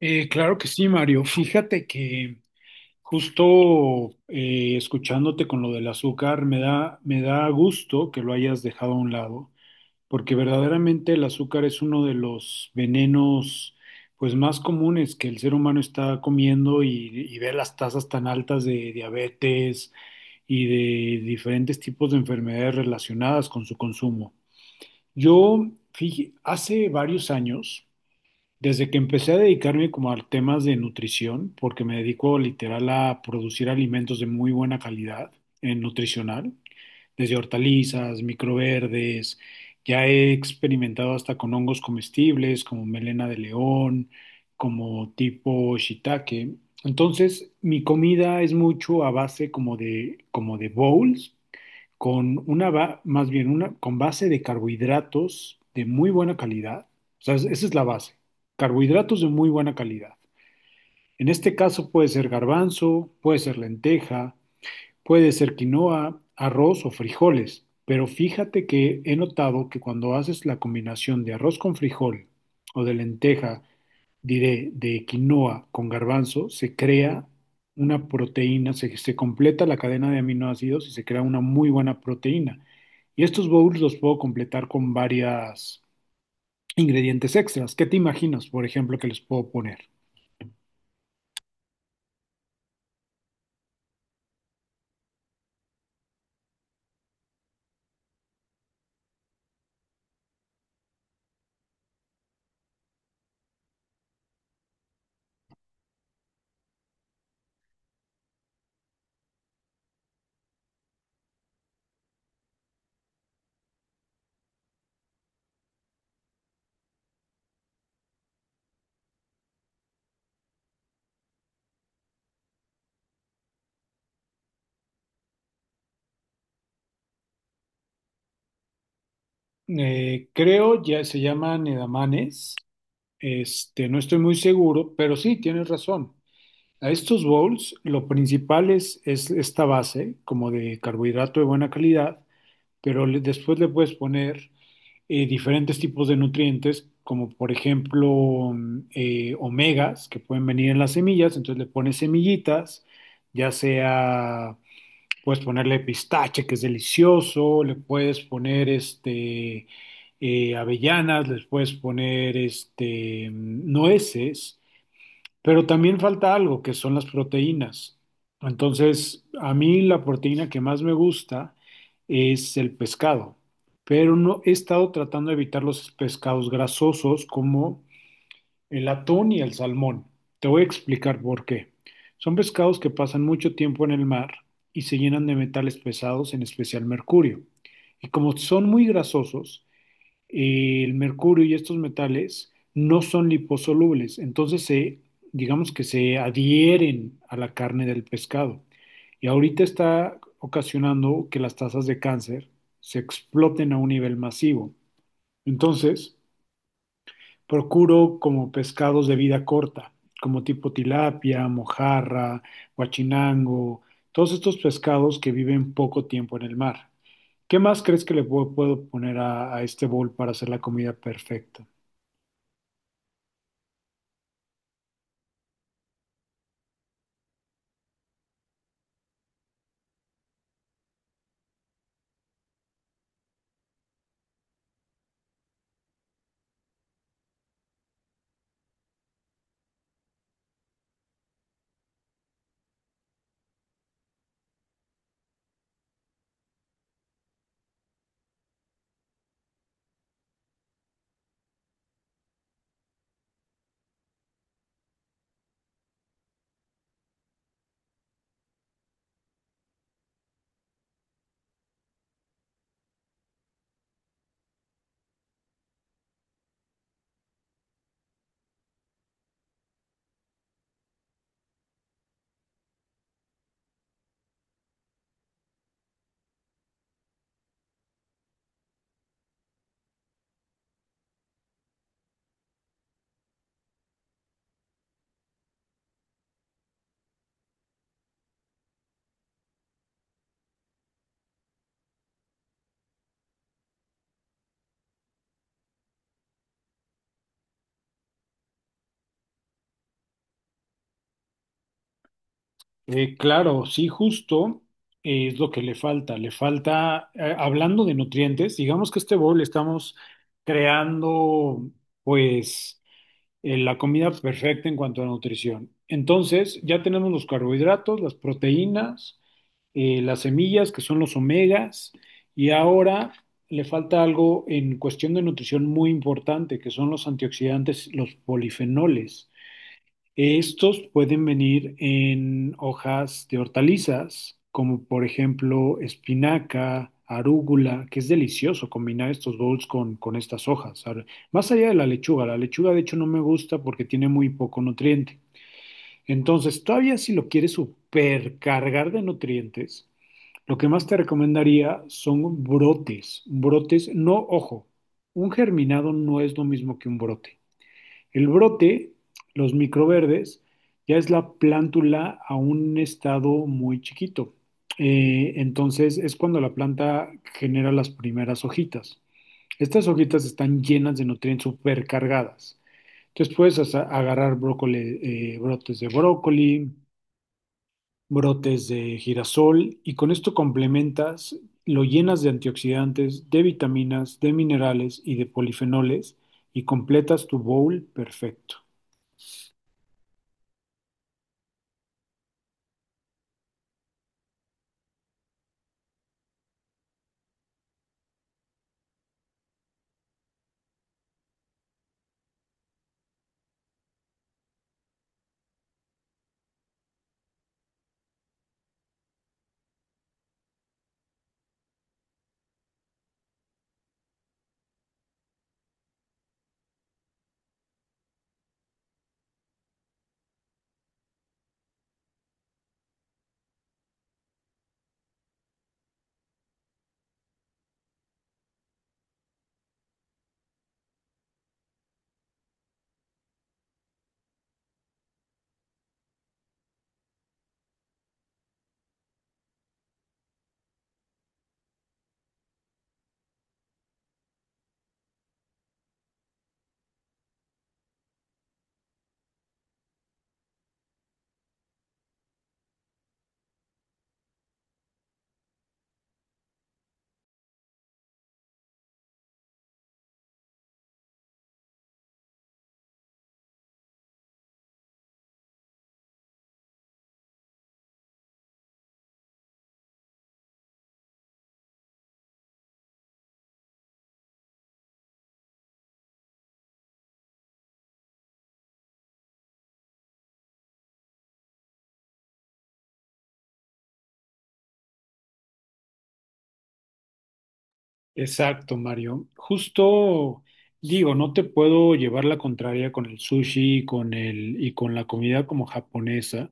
Claro que sí, Mario. Fíjate que justo escuchándote con lo del azúcar, me da gusto que lo hayas dejado a un lado, porque verdaderamente el azúcar es uno de los venenos pues más comunes que el ser humano está comiendo y ve las tasas tan altas de diabetes y de diferentes tipos de enfermedades relacionadas con su consumo. Yo, fíjate, hace varios años desde que empecé a dedicarme como a temas de nutrición, porque me dedico literal a producir alimentos de muy buena calidad en nutricional, desde hortalizas, microverdes, ya he experimentado hasta con hongos comestibles como melena de león, como tipo shiitake. Entonces, mi comida es mucho a base como de bowls, con una, ba- más bien una, con base de carbohidratos de muy buena calidad. O sea, esa es la base. Carbohidratos de muy buena calidad. En este caso puede ser garbanzo, puede ser lenteja, puede ser quinoa, arroz o frijoles, pero fíjate que he notado que cuando haces la combinación de arroz con frijol o de lenteja, diré, de quinoa con garbanzo, se crea una proteína, se completa la cadena de aminoácidos y se crea una muy buena proteína. Y estos bowls los puedo completar con varios ingredientes extras. ¿Qué te imaginas, por ejemplo, que les puedo poner? Creo ya se llaman edamames. Este, no estoy muy seguro, pero sí, tienes razón. A estos bowls lo principal es esta base, como de carbohidrato de buena calidad, pero después le puedes poner diferentes tipos de nutrientes, como por ejemplo omegas, que pueden venir en las semillas, entonces le pones semillitas, ya sea puedes ponerle pistache, que es delicioso, le puedes poner avellanas, les puedes poner nueces, pero también falta algo que son las proteínas. Entonces, a mí la proteína que más me gusta es el pescado, pero no he estado tratando de evitar los pescados grasosos como el atún y el salmón. Te voy a explicar por qué. Son pescados que pasan mucho tiempo en el mar y se llenan de metales pesados, en especial mercurio. Y como son muy grasosos, el mercurio y estos metales no son liposolubles, digamos que se adhieren a la carne del pescado. Y ahorita está ocasionando que las tasas de cáncer se exploten a un nivel masivo. Entonces, procuro como pescados de vida corta, como tipo tilapia, mojarra, guachinango, todos estos pescados que viven poco tiempo en el mar. ¿Qué más crees que le puedo poner a este bowl para hacer la comida perfecta? Claro, sí, justo es lo que le falta. Le falta, hablando de nutrientes, digamos que este bowl estamos creando, pues la comida perfecta en cuanto a nutrición. Entonces, ya tenemos los carbohidratos, las proteínas, las semillas, que son los omegas, y ahora le falta algo en cuestión de nutrición muy importante, que son los antioxidantes, los polifenoles. Estos pueden venir en hojas de hortalizas, como por ejemplo espinaca, arúgula, que es delicioso combinar estos bowls con estas hojas. Ahora, más allá de la lechuga de hecho no me gusta porque tiene muy poco nutriente. Entonces, todavía si lo quieres supercargar de nutrientes, lo que más te recomendaría son brotes. Brotes, no, ojo, un germinado no es lo mismo que un brote. El brote, los microverdes, ya es la plántula a un estado muy chiquito. Entonces es cuando la planta genera las primeras hojitas. Estas hojitas están llenas de nutrientes supercargadas. Entonces puedes hasta agarrar brócoli, brotes de brócoli, brotes de girasol y con esto complementas, lo llenas de antioxidantes, de vitaminas, de minerales y de polifenoles y completas tu bowl perfecto. Exacto, Mario. Justo digo, no te puedo llevar la contraria con el sushi y con y con la comida como japonesa.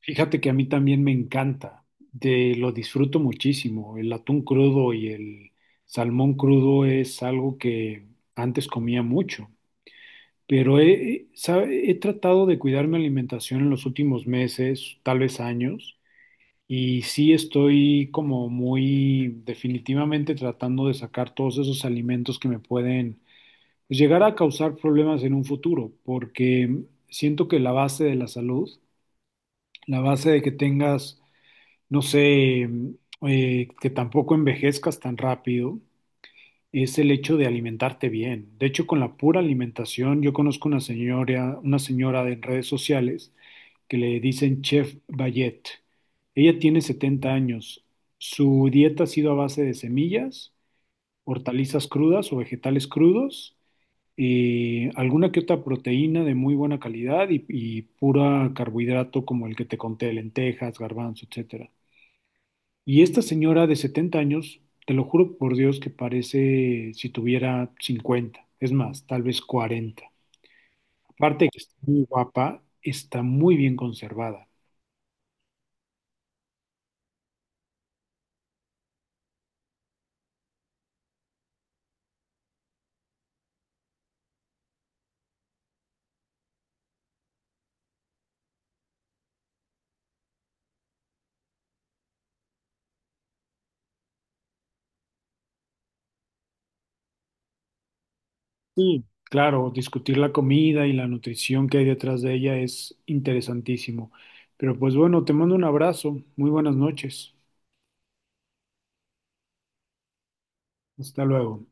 Fíjate que a mí también me encanta, de, lo disfruto muchísimo. El atún crudo y el salmón crudo es algo que antes comía mucho, pero he tratado de cuidar mi alimentación en los últimos meses, tal vez años. Y sí estoy como muy definitivamente tratando de sacar todos esos alimentos que me pueden pues, llegar a causar problemas en un futuro, porque siento que la base de la salud, la base de que tengas, no sé, que tampoco envejezcas tan rápido, es el hecho de alimentarte bien. De hecho, con la pura alimentación, yo conozco una señora de redes sociales que le dicen Chef Bayet. Ella tiene 70 años. Su dieta ha sido a base de semillas, hortalizas crudas o vegetales crudos, alguna que otra proteína de muy buena calidad y pura carbohidrato como el que te conté, lentejas, garbanzo, etcétera. Y esta señora de 70 años, te lo juro por Dios que parece si tuviera 50, es más, tal vez 40. Aparte de que está muy guapa, está muy bien conservada. Sí, claro, discutir la comida y la nutrición que hay detrás de ella es interesantísimo. Pero pues bueno, te mando un abrazo, muy buenas noches, hasta luego.